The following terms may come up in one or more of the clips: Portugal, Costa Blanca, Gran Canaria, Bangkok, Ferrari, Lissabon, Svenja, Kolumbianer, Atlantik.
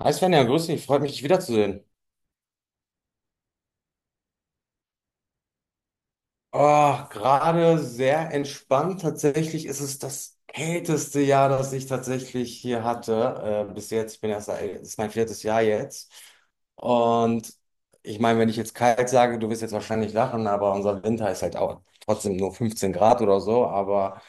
Hi Svenja, grüß dich, freut mich, dich wiederzusehen. Oh, gerade sehr entspannt. Tatsächlich ist es das kälteste Jahr, das ich tatsächlich hier hatte. Bis jetzt, ich bin erst, das ist mein viertes Jahr jetzt. Und ich meine, wenn ich jetzt kalt sage, du wirst jetzt wahrscheinlich lachen, aber unser Winter ist halt auch trotzdem nur 15 Grad oder so. Aber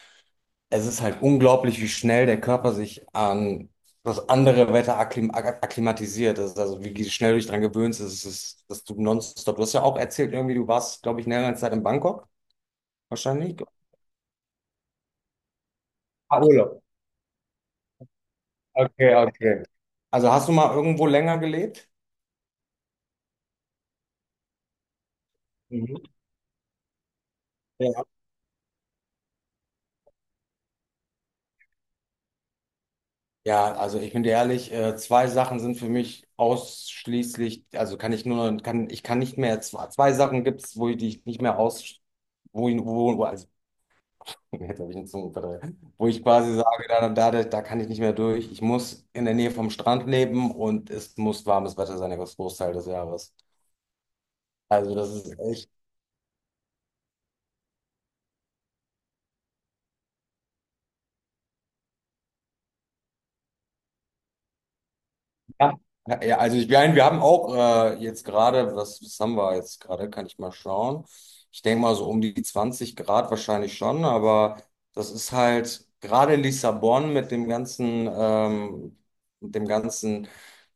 es ist halt unglaublich, wie schnell der Körper sich an das andere Wetter akklimatisiert. Das ist also, wie schnell du dich dran gewöhnst, das ist, dass du nonstop. Du hast ja auch erzählt, irgendwie, du warst, glaube ich, längere Zeit in Bangkok, wahrscheinlich. Ah, Urlaub. Okay, okay. Also hast du mal irgendwo länger gelebt? Mhm. Ja. Ja, also ich bin dir ehrlich, zwei Sachen sind für mich ausschließlich, also kann ich nur, ich kann nicht mehr, zwei Sachen gibt es, wo ich, die ich nicht mehr aus, also jetzt habe ich einen Zungenverdreher. Wo ich quasi sage, da kann ich nicht mehr durch. Ich muss in der Nähe vom Strand leben und es muss warmes Wetter sein, das Großteil des Jahres. Also das ist echt. Ja, ja, also ich meine, wir haben auch jetzt gerade, was haben wir jetzt gerade, kann ich mal schauen. Ich denke mal so um die 20 Grad wahrscheinlich schon, aber das ist halt gerade in Lissabon mit dem ganzen, mit dem ganzen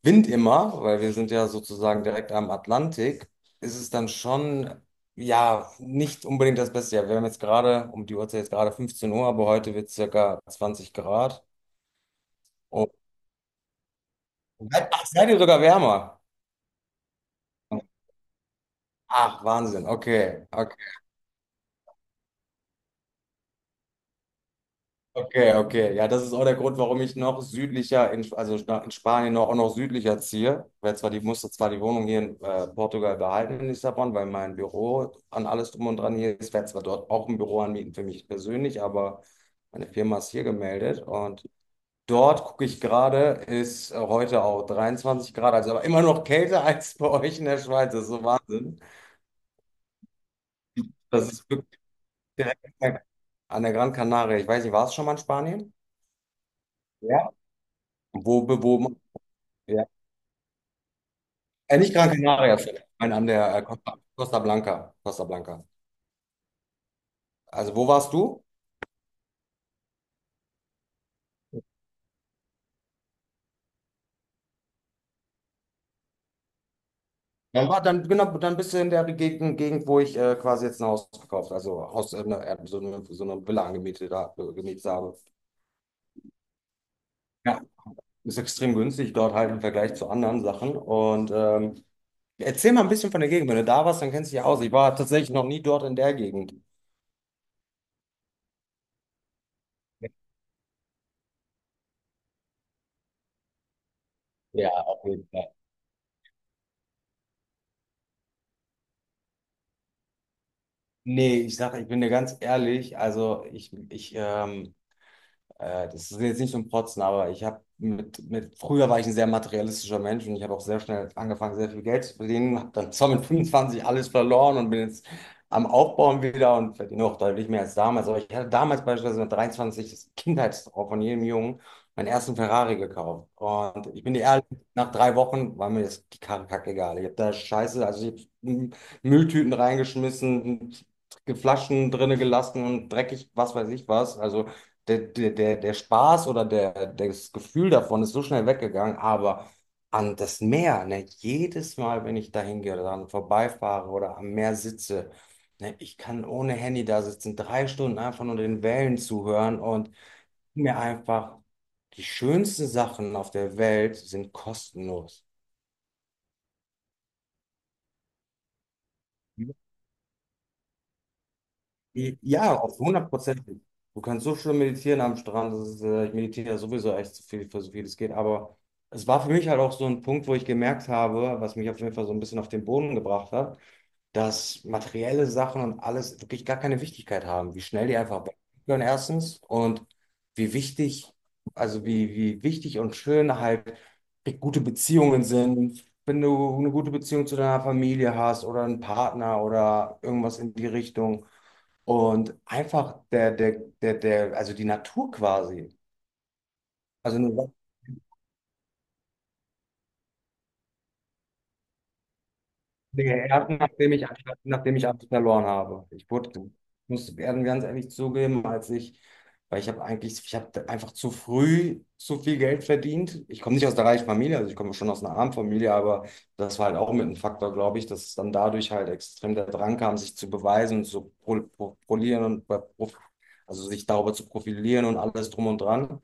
Wind immer, weil wir sind ja sozusagen direkt am Atlantik, ist es dann schon, ja, nicht unbedingt das Beste. Ja, wir haben jetzt gerade, um die Uhrzeit jetzt gerade 15 Uhr, aber heute wird es circa 20 Grad. Und, ach, seid ihr sogar wärmer? Ach, Wahnsinn. Okay, okay, okay. Ja, das ist auch der Grund, warum ich noch südlicher, also in Spanien noch, auch noch südlicher ziehe. Weil zwar die musste zwar die Wohnung hier in Portugal behalten in Lissabon, weil mein Büro an alles drum und dran hier ist. Ich werde zwar dort auch ein Büro anmieten für mich persönlich, aber meine Firma ist hier gemeldet und dort gucke ich gerade, ist heute auch 23 Grad, also aber immer noch kälter als bei euch in der Schweiz. Das ist so Wahnsinn. Das ist wirklich direkt an der Gran Canaria. Ich weiß nicht, war es schon mal in Spanien? Wo, wo, wo ja. Nicht Gran Canaria, sorry. Nein, an der Costa Blanca. Costa Blanca. Also wo warst du? Genau, dann bist du in der Gegend, wo ich quasi jetzt ein Haus gekauft, so eine Villa angemietet, gemietet habe. Ja, ist extrem günstig dort halt im Vergleich zu anderen Sachen. Und erzähl mal ein bisschen von der Gegend. Wenn du da warst, dann kennst du dich ja aus. Ich war tatsächlich noch nie dort in der Gegend. Ja, auf jeden Fall. Nee, ich sage, ich bin dir ganz ehrlich, also ich das ist jetzt nicht so ein Protzen, aber ich habe früher war ich ein sehr materialistischer Mensch und ich habe auch sehr schnell angefangen, sehr viel Geld zu verdienen, habe dann zwar mit 25 alles verloren und bin jetzt am Aufbauen wieder und verdiene auch deutlich mehr als damals. Aber ich hatte damals beispielsweise mit 23 das Kindheitstraum von jedem Jungen meinen ersten Ferrari gekauft. Und ich bin dir ehrlich, nach 3 Wochen war mir das die Karre kackegal. Ich habe da Scheiße, also ich habe Mülltüten reingeschmissen, Flaschen drinne gelassen und dreckig, was weiß ich was. Also der Spaß oder das Gefühl davon ist so schnell weggegangen, aber an das Meer, ne, jedes Mal, wenn ich da hingehe oder dran vorbeifahre oder am Meer sitze, ne, ich kann ohne Handy da sitzen, 3 Stunden einfach nur den Wellen zuhören und mir einfach die schönsten Sachen auf der Welt sind kostenlos. Ja, auf 100%. Du kannst so schön meditieren am Strand. Das ist, ich meditiere ja sowieso echt so viel, für so viel es geht. Aber es war für mich halt auch so ein Punkt, wo ich gemerkt habe, was mich auf jeden Fall so ein bisschen auf den Boden gebracht hat, dass materielle Sachen und alles wirklich gar keine Wichtigkeit haben. Wie schnell die einfach weggehen, erstens. Und wie wichtig, also wie wichtig und schön halt gute Beziehungen sind. Wenn du eine gute Beziehung zu deiner Familie hast oder einen Partner oder irgendwas in die Richtung. Und einfach also die Natur quasi. Also eine Sache geerbt, nachdem ich alles verloren habe. Muss werden ganz ehrlich zugeben, weil ich habe eigentlich, ich habe einfach zu früh zu viel Geld verdient. Ich komme nicht aus der reichen Familie, also ich komme schon aus einer armen Familie, aber das war halt auch mit ein Faktor, glaube ich, dass es dann dadurch halt extrem der Drang kam, sich zu beweisen und polieren also sich darüber zu profilieren und alles drum und dran.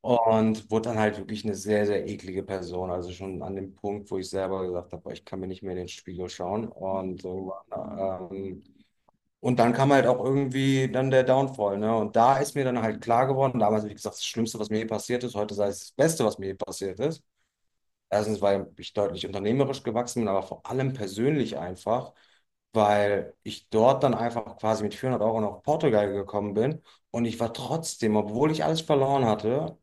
Und wurde dann halt wirklich eine sehr, sehr eklige Person. Also schon an dem Punkt, wo ich selber gesagt habe, boah, ich kann mir nicht mehr in den Spiegel schauen. Und, irgendwann, und dann kam halt auch irgendwie dann der Downfall. Ne? Und da ist mir dann halt klar geworden, damals, wie gesagt, das Schlimmste, was mir je passiert ist, heute sei es das Beste, was mir je passiert ist. Erstens, weil ich deutlich unternehmerisch gewachsen bin, aber vor allem persönlich einfach, weil ich dort dann einfach quasi mit 400€ nach Portugal gekommen bin. Und ich war trotzdem, obwohl ich alles verloren hatte,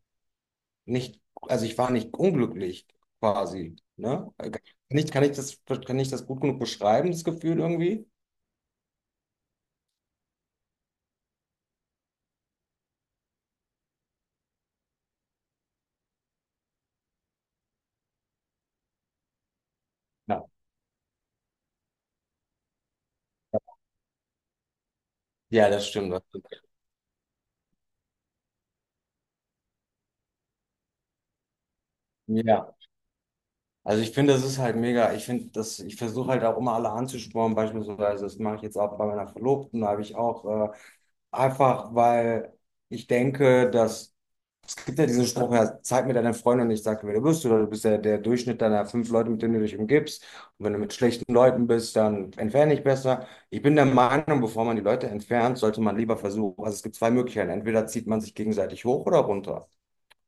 nicht, also ich war nicht unglücklich quasi. Ne? Nicht, kann ich das gut genug beschreiben, das Gefühl irgendwie? Ja, ja, das stimmt. Das stimmt. Ja, also ich finde, das ist halt mega. Ich finde, das, ich versuche halt auch immer alle anzuspornen, beispielsweise, das mache ich jetzt auch bei meiner Verlobten, da habe ich auch einfach, weil ich denke, dass es gibt ja diesen Spruch, ja, zeig mir deine Freunde und ich sage, wer du bist, oder du bist ja der Durchschnitt deiner fünf Leute, mit denen du dich umgibst. Und wenn du mit schlechten Leuten bist, dann entferne dich besser. Ich bin der Meinung, bevor man die Leute entfernt, sollte man lieber versuchen. Also es gibt zwei Möglichkeiten. Entweder zieht man sich gegenseitig hoch oder runter.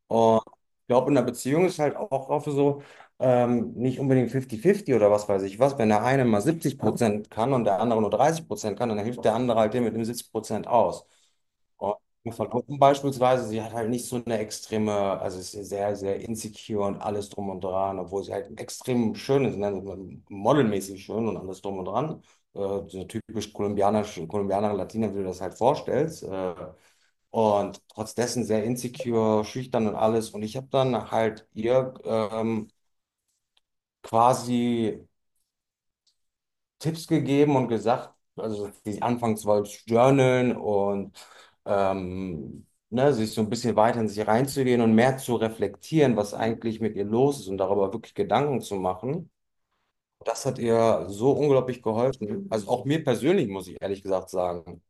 Und ich glaube, in einer Beziehung ist halt auch oft so, nicht unbedingt 50-50 oder was weiß ich was. Wenn der eine mal 70% kann und der andere nur 30% kann, dann hilft der andere halt dem mit dem 70% aus. Und meine Verlobten beispielsweise, sie hat halt nicht so eine extreme, also ist sehr, sehr insecure und alles drum und dran, obwohl sie halt extrem schön ist, ne? Also modelmäßig schön und alles drum und dran. Äh, so typisch kolumbianische, Kolumbianer, Latina, wie du das halt vorstellst. Und trotz dessen sehr insecure, schüchtern und alles. Und ich habe dann halt ihr quasi Tipps gegeben und gesagt, also sie anfangs wollte journalen und ne, sich so ein bisschen weiter in sich reinzugehen und mehr zu reflektieren, was eigentlich mit ihr los ist und darüber wirklich Gedanken zu machen. Das hat ihr so unglaublich geholfen. Also auch mir persönlich, muss ich ehrlich gesagt sagen.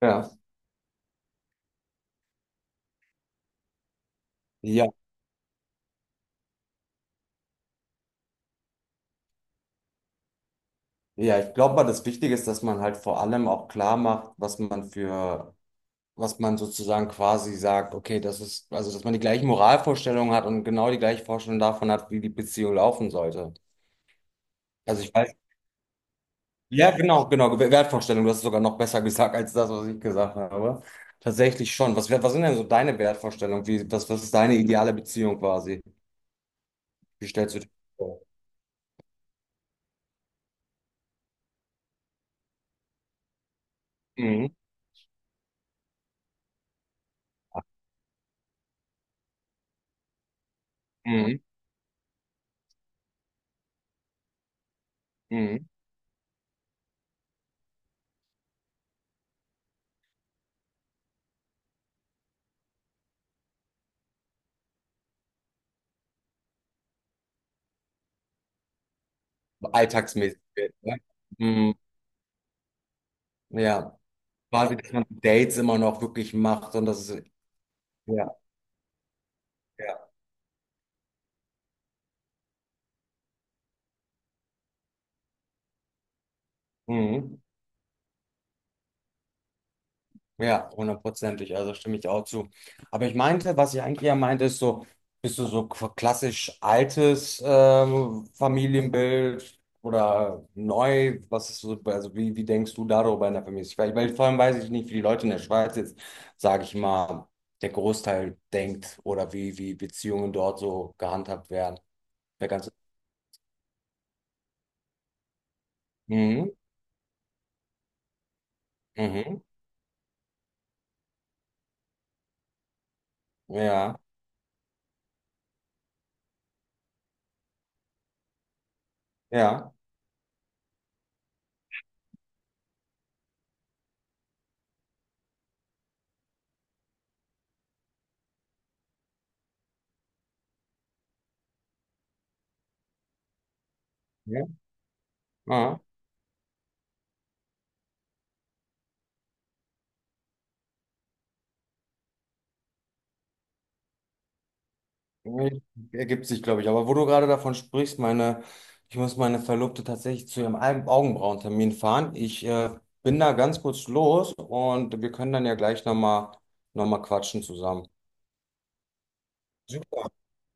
Ja. Ja, ja, ich glaube mal, das Wichtige ist, dass man halt vor allem auch klar macht, was man sozusagen quasi sagt, okay, das ist, also dass man die gleichen Moralvorstellungen hat und genau die gleiche Vorstellung davon hat, wie die Beziehung laufen sollte. Also ich weiß, ja, genau, Wertvorstellung, du hast es sogar noch besser gesagt als das, was ich gesagt habe. Tatsächlich schon. Was sind denn so deine Wertvorstellungen? Was ist deine ideale Beziehung quasi? Wie stellst du dich vor? Mhm. Mhm. Mhm. Alltagsmäßig. Ne? Mhm. Ja, quasi, dass man Dates immer noch wirklich macht und das ist, ja, ja. Mhm. Ja, hundertprozentig, also stimme ich auch zu. Aber ich meinte, was ich eigentlich ja meinte, ist so, bist du so klassisch altes Familienbild oder neu? Was ist so, also wie denkst du darüber in der Familie? Ich, weil vor allem weiß ich nicht, wie die Leute in der Schweiz jetzt, sage ich mal, der Großteil denkt oder wie Beziehungen dort so gehandhabt werden. Der ganze, mhm, mhm, ja, ja, ja, ja. Nee, ergibt sich, glaube ich. Aber wo du gerade davon sprichst, meine, ich muss meine Verlobte tatsächlich zu ihrem Augenbrauentermin fahren. Ich bin da ganz kurz los und wir können dann ja gleich nochmal noch mal quatschen zusammen. Super.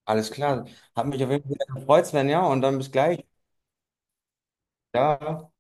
Alles klar. Hat mich auf jeden Fall sehr gefreut, Sven, ja und dann bis gleich. Ja.